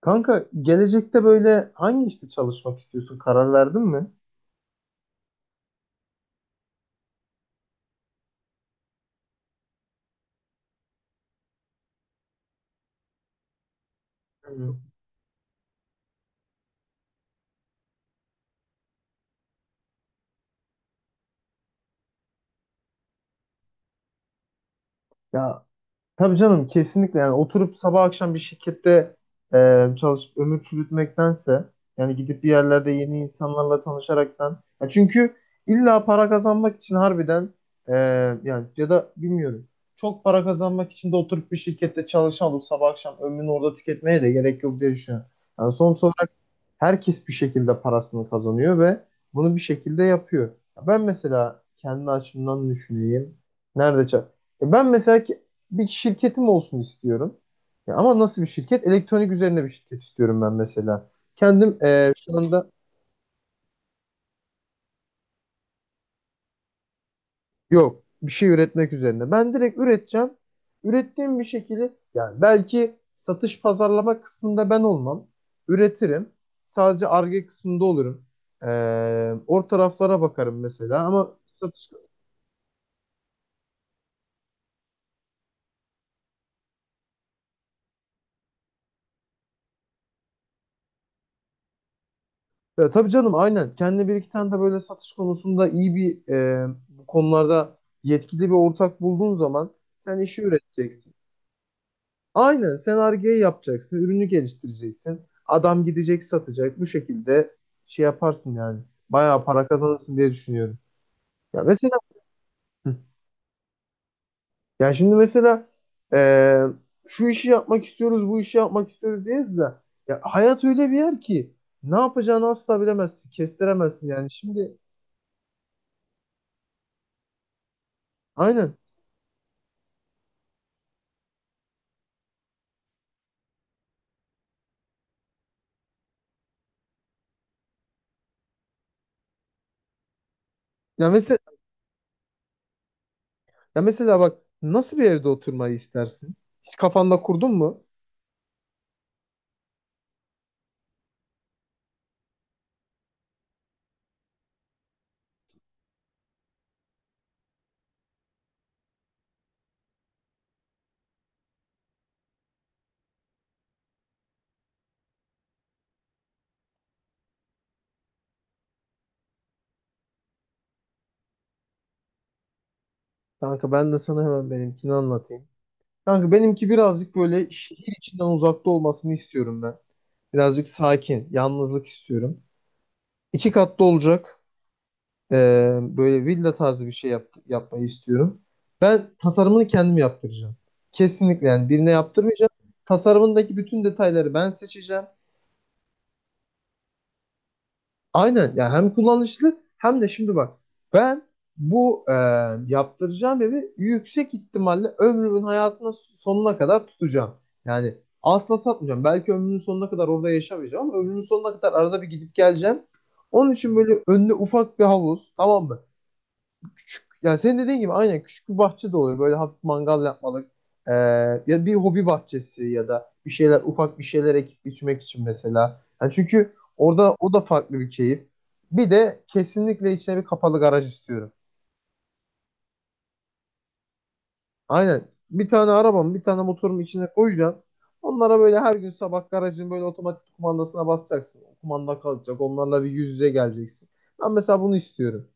Kanka, gelecekte böyle hangi işte çalışmak istiyorsun? Karar verdin mi? Yani. Ya. Tabii canım, kesinlikle. Yani oturup sabah akşam bir şirkette çalışıp ömür çürütmektense, yani gidip bir yerlerde yeni insanlarla tanışaraktan. Ya, çünkü illa para kazanmak için, harbiden e, yani ya da bilmiyorum, çok para kazanmak için de oturup bir şirkette çalışan olup sabah akşam ömrünü orada tüketmeye de gerek yok diye düşünüyorum. Yani sonuç olarak herkes bir şekilde parasını kazanıyor ve bunu bir şekilde yapıyor. Ya, ben mesela kendi açımdan düşüneyim. Nerede çal- Ben mesela ki bir şirketim olsun istiyorum. Ya ama nasıl bir şirket? Elektronik üzerine bir şirket istiyorum ben mesela. Kendim, şu anda. Yok, bir şey üretmek üzerine. Ben direkt üreteceğim. Ürettiğim bir şekilde, yani belki satış pazarlama kısmında ben olmam. Üretirim. Sadece Ar-Ge kısmında olurum. E, O taraflara bakarım mesela, ama satış. Ya tabii canım, aynen. Kendine bir iki tane de böyle satış konusunda iyi bir, bu konularda yetkili bir ortak bulduğun zaman sen işi üreteceksin. Aynen, sen Ar-Ge yapacaksın, ürünü geliştireceksin. Adam gidecek, satacak. Bu şekilde şey yaparsın yani. Bayağı para kazanırsın diye düşünüyorum. Ya mesela. Hı. Ya şimdi mesela e, şu işi yapmak istiyoruz, bu işi yapmak istiyoruz diyoruz da, ya hayat öyle bir yer ki ne yapacağını asla bilemezsin, kestiremezsin yani. Şimdi. Aynen. Ya mesela Ya mesela bak, nasıl bir evde oturmayı istersin? Hiç kafanda kurdun mu? Kanka, ben de sana hemen benimkini anlatayım. Kanka, benimki birazcık böyle şehir içinden uzakta olmasını istiyorum ben. Birazcık sakin, yalnızlık istiyorum. İki katlı olacak. Böyle villa tarzı bir şey yapmayı istiyorum. Ben tasarımını kendim yaptıracağım. Kesinlikle, yani birine yaptırmayacağım. Tasarımındaki bütün detayları ben seçeceğim. Aynen, yani hem kullanışlı hem de şimdi bak, ben bu yaptıracağım evi yüksek ihtimalle ömrümün hayatına sonuna kadar tutacağım. Yani asla satmayacağım. Belki ömrümün sonuna kadar orada yaşamayacağım, ama ömrümün sonuna kadar arada bir gidip geleceğim. Onun için böyle önüne ufak bir havuz, tamam mı? Küçük, yani senin dediğin gibi aynen küçük bir bahçe de olur. Böyle hafif mangal yapmalık, ee, ya bir hobi bahçesi ya da bir şeyler, ufak bir şeyler ekip biçmek için mesela. Yani çünkü orada o da farklı bir keyif. Bir de kesinlikle içine bir kapalı garaj istiyorum. Aynen. Bir tane arabam, bir tane motorum içine koyacağım. Onlara böyle her gün sabah garajın böyle otomatik kumandasına basacaksın. O kumanda kalacak. Onlarla bir yüz yüze geleceksin. Ben mesela bunu istiyorum.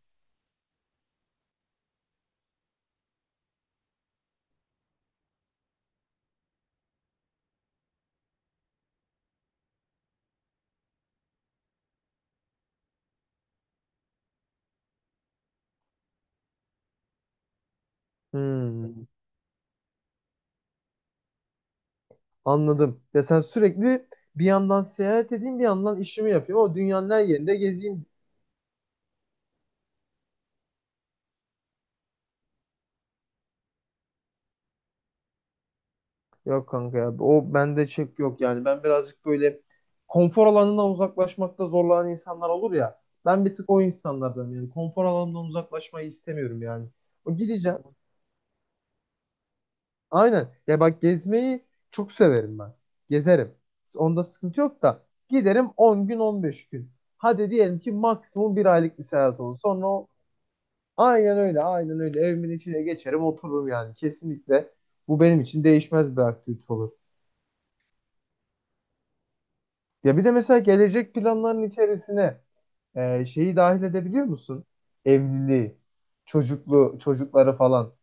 Hmm. Anladım. Ya sen sürekli bir yandan seyahat edeyim, bir yandan işimi yapayım, ama dünyanın her yerinde gezeyim. Yok kanka, ya o bende çek yok, yani ben birazcık böyle konfor alanından uzaklaşmakta zorlanan insanlar olur ya. Ben bir tık o insanlardan, yani konfor alanından uzaklaşmayı istemiyorum yani. O gideceğim. Aynen. Ya bak, gezmeyi çok severim ben. Gezerim. Onda sıkıntı yok da, giderim. 10 gün, 15 gün. Hadi diyelim ki maksimum bir aylık bir seyahat olur. Sonra o. Aynen öyle, aynen öyle. Evimin içine geçerim, otururum yani. Kesinlikle bu benim için değişmez bir aktivite olur. Ya bir de mesela gelecek planların içerisine şeyi dahil edebiliyor musun? Evliliği, çocukları falan.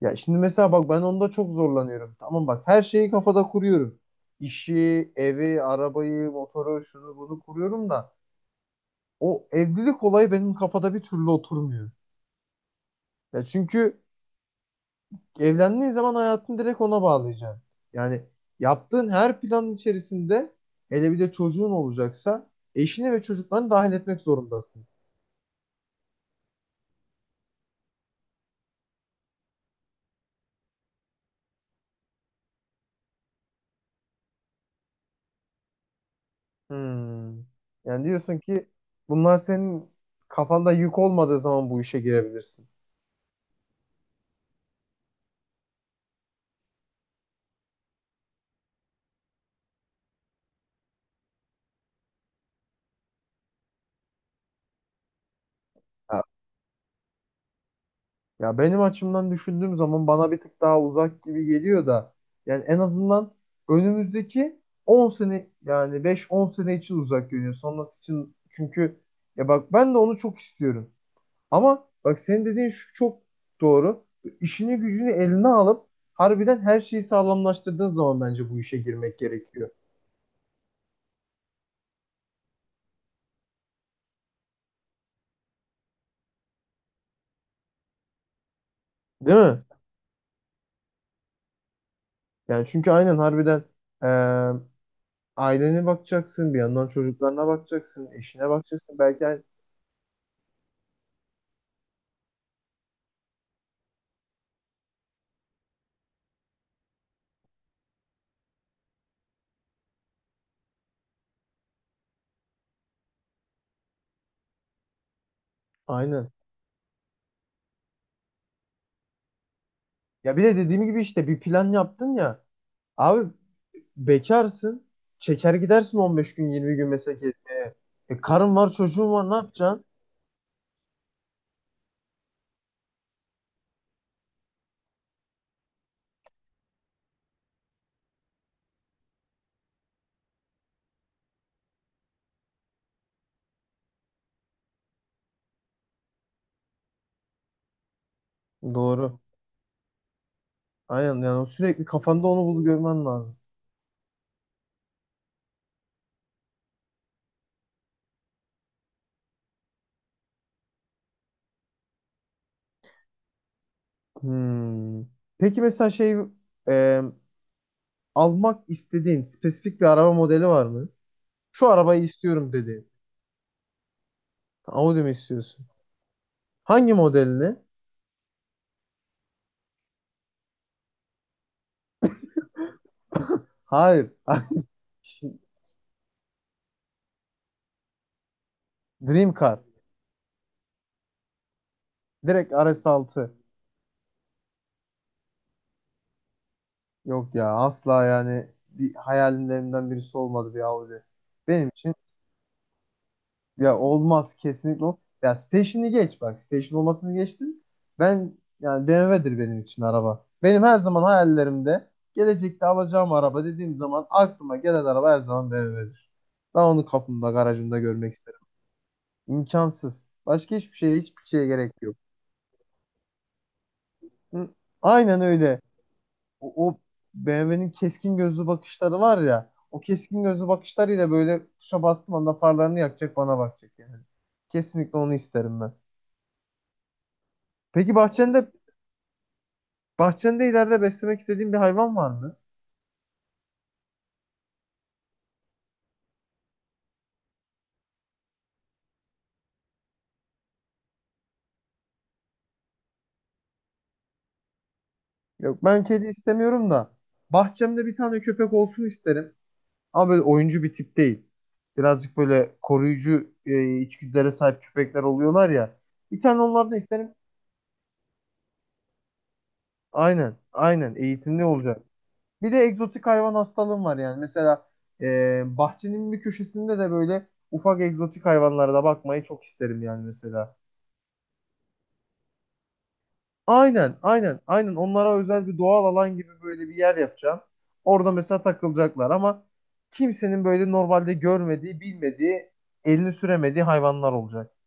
Ya şimdi mesela bak, ben onda çok zorlanıyorum. Tamam bak, her şeyi kafada kuruyorum. İşi, evi, arabayı, motoru, şunu bunu kuruyorum da o evlilik olayı benim kafada bir türlü oturmuyor. Ya çünkü evlendiğin zaman hayatını direkt ona bağlayacaksın. Yani yaptığın her planın içerisinde, hele bir de çocuğun olacaksa, eşini ve çocuklarını dahil etmek zorundasın. Hmm. Yani diyorsun ki bunlar senin kafanda yük olmadığı zaman bu işe girebilirsin. Ya, ya, benim açımdan düşündüğüm zaman bana bir tık daha uzak gibi geliyor da, yani en azından önümüzdeki 10 sene, yani 5-10 sene için uzak görünüyor. Sonrası için çünkü. Ya bak, ben de onu çok istiyorum. Ama bak, senin dediğin şu çok doğru. İşini gücünü eline alıp harbiden her şeyi sağlamlaştırdığın zaman bence bu işe girmek gerekiyor. Değil mi? Yani çünkü aynen harbiden eee ailene bakacaksın, bir yandan çocuklarına bakacaksın, eşine bakacaksın. Belki yani-. Aynen. Ya bir de dediğim gibi işte bir plan yaptın ya. Abi, bekarsın. Çeker gidersin 15 gün, 20 gün mesela gezmeye. Karın var, çocuğun var, ne yapacaksın? Doğru. Aynen, yani sürekli kafanda onu bulup görmen lazım. Hmm. Peki mesela şey, e, almak istediğin spesifik bir araba modeli var mı? Şu arabayı istiyorum dediğin. Audi mi istiyorsun? Hangi modelini? Hayır. Dream Car. Direkt RS6. Yok ya, asla, yani bir hayallerimden birisi olmadı bir Audi. Benim için. Ya olmaz kesinlikle. Ya station'ı geç bak. Station olmasını geçtim. Ben yani BMW'dir benim için araba. Benim her zaman hayallerimde gelecekte alacağım araba dediğim zaman aklıma gelen araba her zaman BMW'dir. Ben onu kapımda, garajımda görmek isterim. İmkansız. Başka hiçbir şeye, hiçbir şeye gerek yok. Hı. Aynen öyle. O BMW'nin keskin gözlü bakışları var ya. O keskin gözlü bakışlarıyla böyle tuşa bastığım anda farlarını yakacak, bana bakacak yani. Kesinlikle onu isterim ben. Peki bahçende Bahçende ileride beslemek istediğin bir hayvan var mı? Yok, ben kedi istemiyorum da bahçemde bir tane köpek olsun isterim. Ama böyle oyuncu bir tip değil. Birazcık böyle koruyucu içgüdülere sahip köpekler oluyorlar ya. Bir tane onlardan isterim. Aynen, aynen eğitimli olacak. Bir de egzotik hayvan hastalığım var yani. Mesela bahçenin bir köşesinde de böyle ufak egzotik hayvanlara da bakmayı çok isterim yani mesela. Aynen, aynen, aynen. Onlara özel bir doğal alan gibi böyle bir yer yapacağım. Orada mesela takılacaklar, ama kimsenin böyle normalde görmediği, bilmediği, elini süremediği hayvanlar olacak.